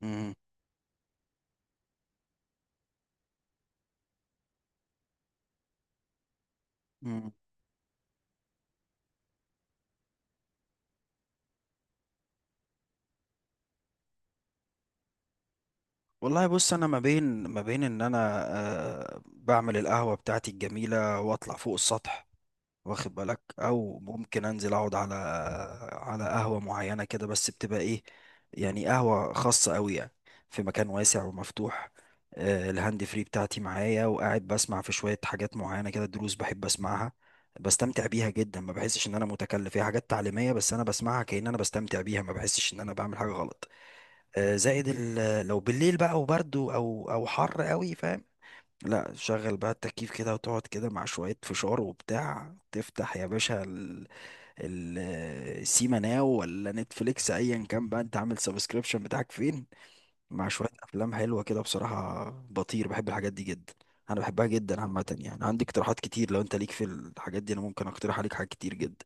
مم. مم. والله بص انا ما بين ان انا بعمل القهوه بتاعتي الجميله واطلع فوق السطح. واخد بالك، او ممكن انزل اقعد على قهوه معينه كده، بس بتبقى ايه؟ يعني قهوه خاصه قوي يعني، في مكان واسع ومفتوح. الهاند فري بتاعتي معايا وقاعد بسمع في شويه حاجات معينه كده، دروس بحب اسمعها. بستمتع بيها جدا، ما بحسش ان انا متكلف. هي حاجات تعليميه بس انا بسمعها كأن انا بستمتع بيها، ما بحسش ان انا بعمل حاجه غلط. زائد لو بالليل بقى وبرد او حر قوي فاهم. لا، شغل بقى التكييف كده وتقعد كده مع شوية فشار وبتاع، تفتح يا باشا ال- السيما ناو ولا نتفليكس، ايا كان بقى انت عامل سبسكريبشن بتاعك فين، مع شوية افلام حلوة كده. بصراحة بطير، بحب الحاجات دي جدا. انا بحبها جدا عامة، يعني عندي اقتراحات كتير. لو انت ليك في الحاجات دي انا ممكن اقترح عليك حاجات كتير جدا.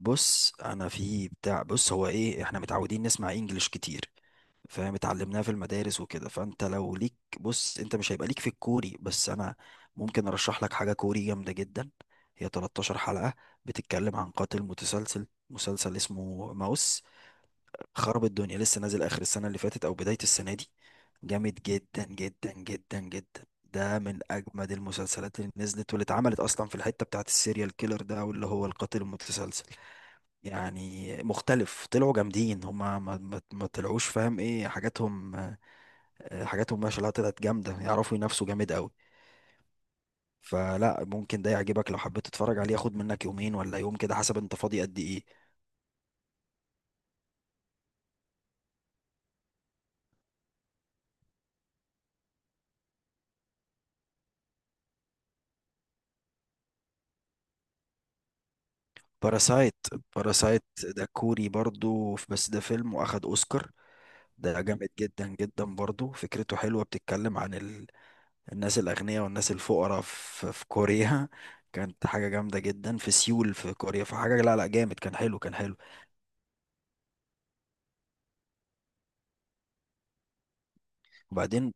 بص، انا في بتاع، بص هو ايه، احنا متعودين نسمع انجليش كتير فاهم، اتعلمناها في المدارس وكده، فانت لو ليك، بص، انت مش هيبقى ليك في الكوري، بس انا ممكن ارشح لك حاجة كوري جامدة جدا. هي 13 حلقة، بتتكلم عن قاتل متسلسل، مسلسل اسمه ماوس. خرب الدنيا، لسه نازل اخر السنة اللي فاتت او بداية السنة دي. جامد جدا جدا جدا جدا. ده من اجمد المسلسلات اللي نزلت واللي اتعملت اصلا في الحتة بتاعت السيريال كيلر ده، او اللي هو القاتل المتسلسل. يعني مختلف، طلعوا جامدين هما. ما طلعوش فاهم ايه حاجاتهم. حاجاتهم ما شاء الله طلعت جامده، يعرفوا ينافسوا جامد قوي. فلا، ممكن ده يعجبك لو حبيت تتفرج عليه، ياخد منك يومين ولا يوم كده حسب انت فاضي قد ايه. باراسايت. باراسايت ده كوري برضو، بس ده فيلم واخد اوسكار. ده جامد جدا جدا برضو، فكرته حلوه. بتتكلم عن الناس الاغنياء والناس الفقراء في كوريا. كانت حاجه جامده جدا في سيول في كوريا. فحاجه، لا لا، جامد، كان حلو كان حلو. وبعدين،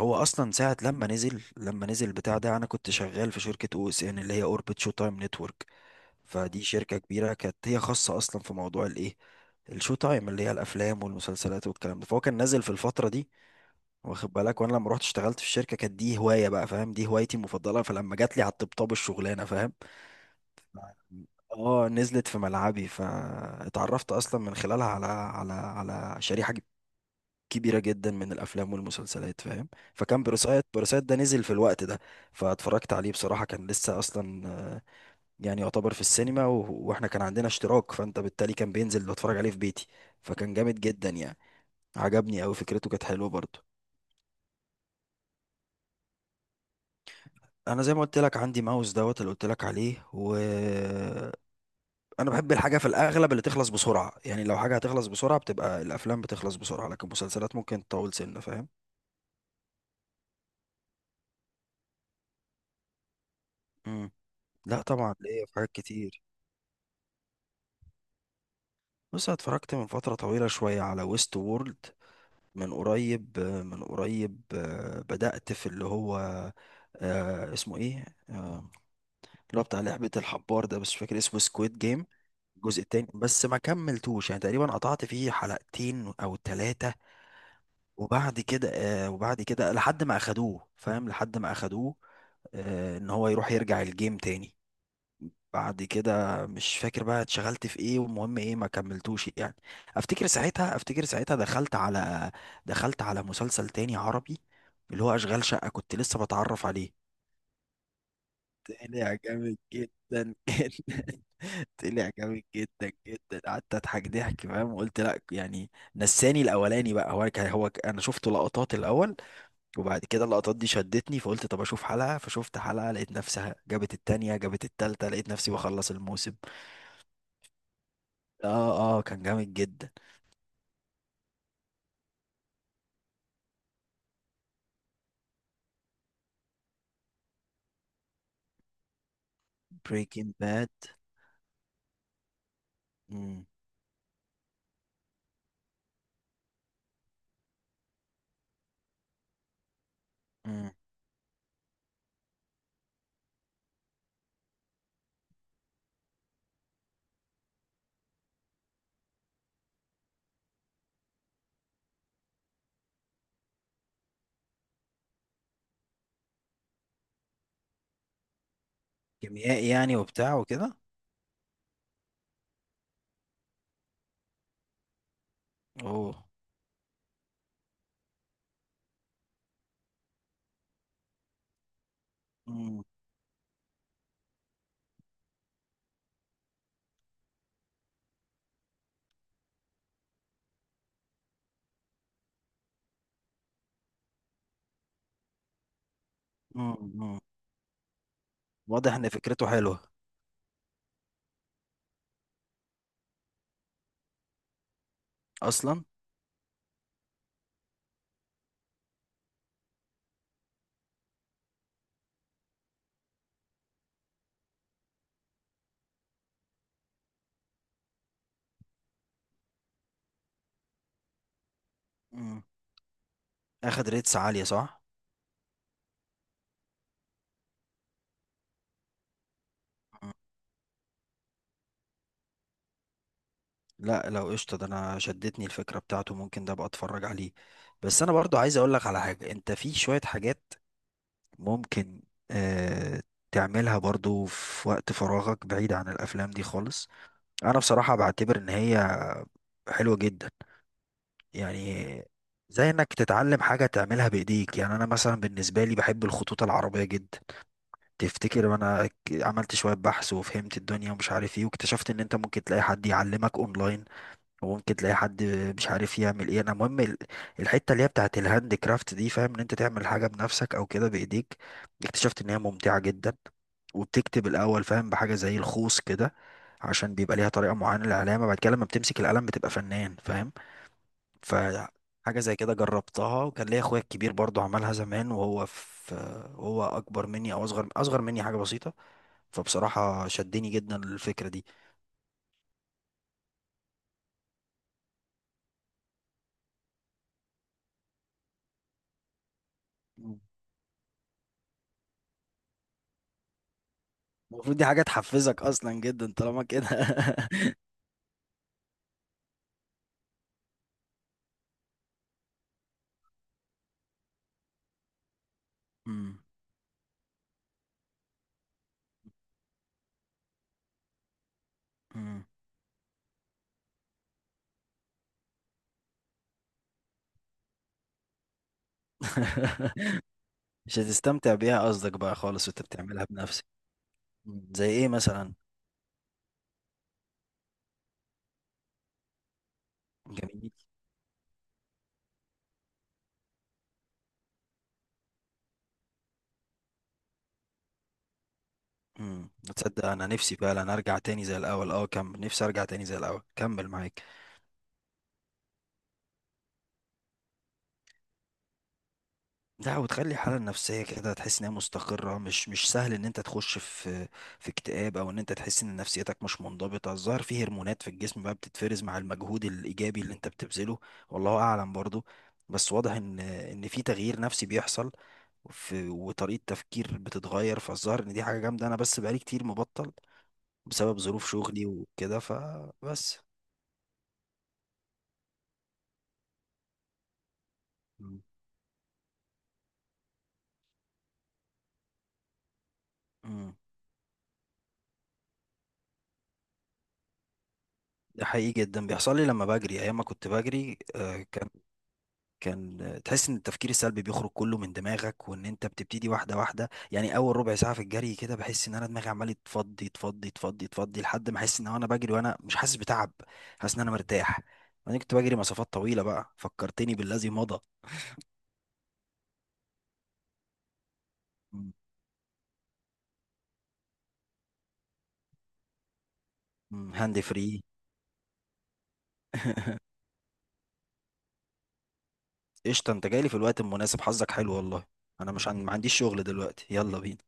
هو اصلا ساعه لما نزل البتاع ده، انا كنت شغال في شركه او اس ان، اللي هي اوربت شو تايم نتورك. فدي شركه كبيره، كانت هي خاصه اصلا في موضوع الايه، الشو تايم، اللي هي الافلام والمسلسلات والكلام ده. فهو كان نازل في الفتره دي، واخد بالك. وانا لما رحت اشتغلت في الشركه، كانت دي هوايه بقى فاهم، دي هوايتي المفضله، فلما جات لي على الطبطاب الشغلانه فاهم، اه، نزلت في ملعبي. فاتعرفت اصلا من خلالها على شريحه كبيرة جدا من الأفلام والمسلسلات فاهم. فكان باراسايت، باراسايت ده نزل في الوقت ده، فاتفرجت عليه. بصراحة كان لسه أصلا يعني يعتبر في السينما، وإحنا كان عندنا اشتراك، فأنت بالتالي كان بينزل بتفرج عليه في بيتي. فكان جامد جدا يعني، عجبني أوي، فكرته كانت حلوة برضه. أنا زي ما قلت لك، عندي ماوس دوت اللي قلت لك عليه، و أنا بحب الحاجة في الأغلب اللي تخلص بسرعة. يعني لو حاجة هتخلص بسرعة بتبقى الأفلام، بتخلص بسرعة، لكن المسلسلات ممكن تطول سنة فاهم. مم. لا طبعا، ليا في حاجات كتير. بص، أنا اتفرجت من فترة طويلة شوية على ويست وورلد. من قريب، بدأت في اللي هو اسمه ايه، اللي هو بتاع لعبة الحبار ده، بس مش فاكر اسمه، سكويد جيم. الجزء التاني، بس ما كملتوش، يعني تقريبا قطعت فيه حلقتين او ثلاثة، وبعد كده وبعد كده لحد ما اخدوه فاهم، لحد ما اخدوه ان هو يروح يرجع الجيم تاني. بعد كده مش فاكر بقى اتشغلت في ايه، والمهم ايه ما كملتوش يعني. افتكر ساعتها دخلت على مسلسل تاني عربي، اللي هو اشغال شقة، كنت لسه بتعرف عليه. طلع جامد جدا جدا. طلع جامد جدا جدا، قعدت اضحك ضحك فاهم. وقلت لا يعني، نساني الاولاني بقى. هو كان انا شفت لقطات الاول، وبعد كده اللقطات دي شدتني، فقلت طب اشوف حلقة، فشفت حلقة لقيت نفسها جابت التانية، جابت التالتة، لقيت نفسي بخلص الموسم. اه اه، كان جامد جدا. بريكنج باد. كيميائي يعني، وبتاع وكده. اوه. مم. مم. مم. واضح ان فكرته حلوة اصلا. مم. اخد ريتس عالية صح؟ مم. لا لو قشطة، ده انا شدتني الفكرة بتاعته، ممكن ده ابقى اتفرج عليه. بس انا برضو عايز اقول لك على حاجة. انت في شوية حاجات ممكن آه تعملها برضو في وقت فراغك بعيد عن الافلام دي خالص. انا بصراحة بعتبر ان هي حلوة جدا يعني. زي انك تتعلم حاجة تعملها بايديك، يعني انا مثلا بالنسبة لي بحب الخطوط العربية جدا. تفتكر وانا عملت شوية بحث وفهمت الدنيا ومش عارف ايه، واكتشفت ان انت ممكن تلاقي حد يعلمك اونلاين، وممكن تلاقي حد مش عارف يعمل ايه. انا مهم الحتة اللي هي بتاعت الهاند كرافت دي فاهم، ان انت تعمل حاجة بنفسك او كده بايديك. اكتشفت ان هي ممتعة جدا، وبتكتب الاول فاهم بحاجة زي الخوص كده، عشان بيبقى ليها طريقة معينة للعلامة. بعد كده لما بتمسك القلم بتبقى فنان فاهم. فحاجة زي كده جربتها، وكان ليا اخويا الكبير برضو عملها زمان، وهو في، وهو اكبر مني او اصغر مني حاجة بسيطة. فبصراحة شدني جدا للفكرة دي. المفروض دي حاجة تحفزك اصلا جدا طالما كده. مم. مم. مش هتستمتع بيها قصدك بقى خالص وانت بتعملها بنفسك. مم. زي ايه مثلا؟ جميل. امم. تصدق انا نفسي فعلا ارجع تاني زي الاول، اه، كمل، نفسي ارجع تاني زي الاول كمل معاك. لا، وتخلي الحالة النفسية كده تحس إن هي مستقرة. مش سهل إن أنت تخش في اكتئاب، أو إن أنت تحس إن نفسيتك مش منضبطة. الظاهر في هرمونات في الجسم بقى بتتفرز مع المجهود الإيجابي اللي أنت بتبذله، والله أعلم برضو. بس واضح إن في تغيير نفسي بيحصل في، وطريقة تفكير بتتغير. فالظاهر إن دي حاجة جامدة. أنا بس بقالي كتير مبطل بسبب ظروف شغلي وكده فبس. مم. مم. ده حقيقي جدا، بيحصل لي لما بجري. أيام ما كنت بجري كان تحس ان التفكير السلبي بيخرج كله من دماغك، وان انت بتبتدي واحده واحده. يعني اول ربع ساعه في الجري كده بحس ان انا دماغي عمال تفضي تفضي تفضي تفضي لحد ما احس ان انا بجري وانا مش حاسس بتعب، حاسس ان انا مرتاح. انا كنت بجري مسافات طويله بقى، فكرتني بالذي مضى. مم. مم. هاند فري. قشطه، انت جاي لي في الوقت المناسب، حظك حلو والله. انا مش عن... ما عنديش شغل دلوقتي، يلا بينا.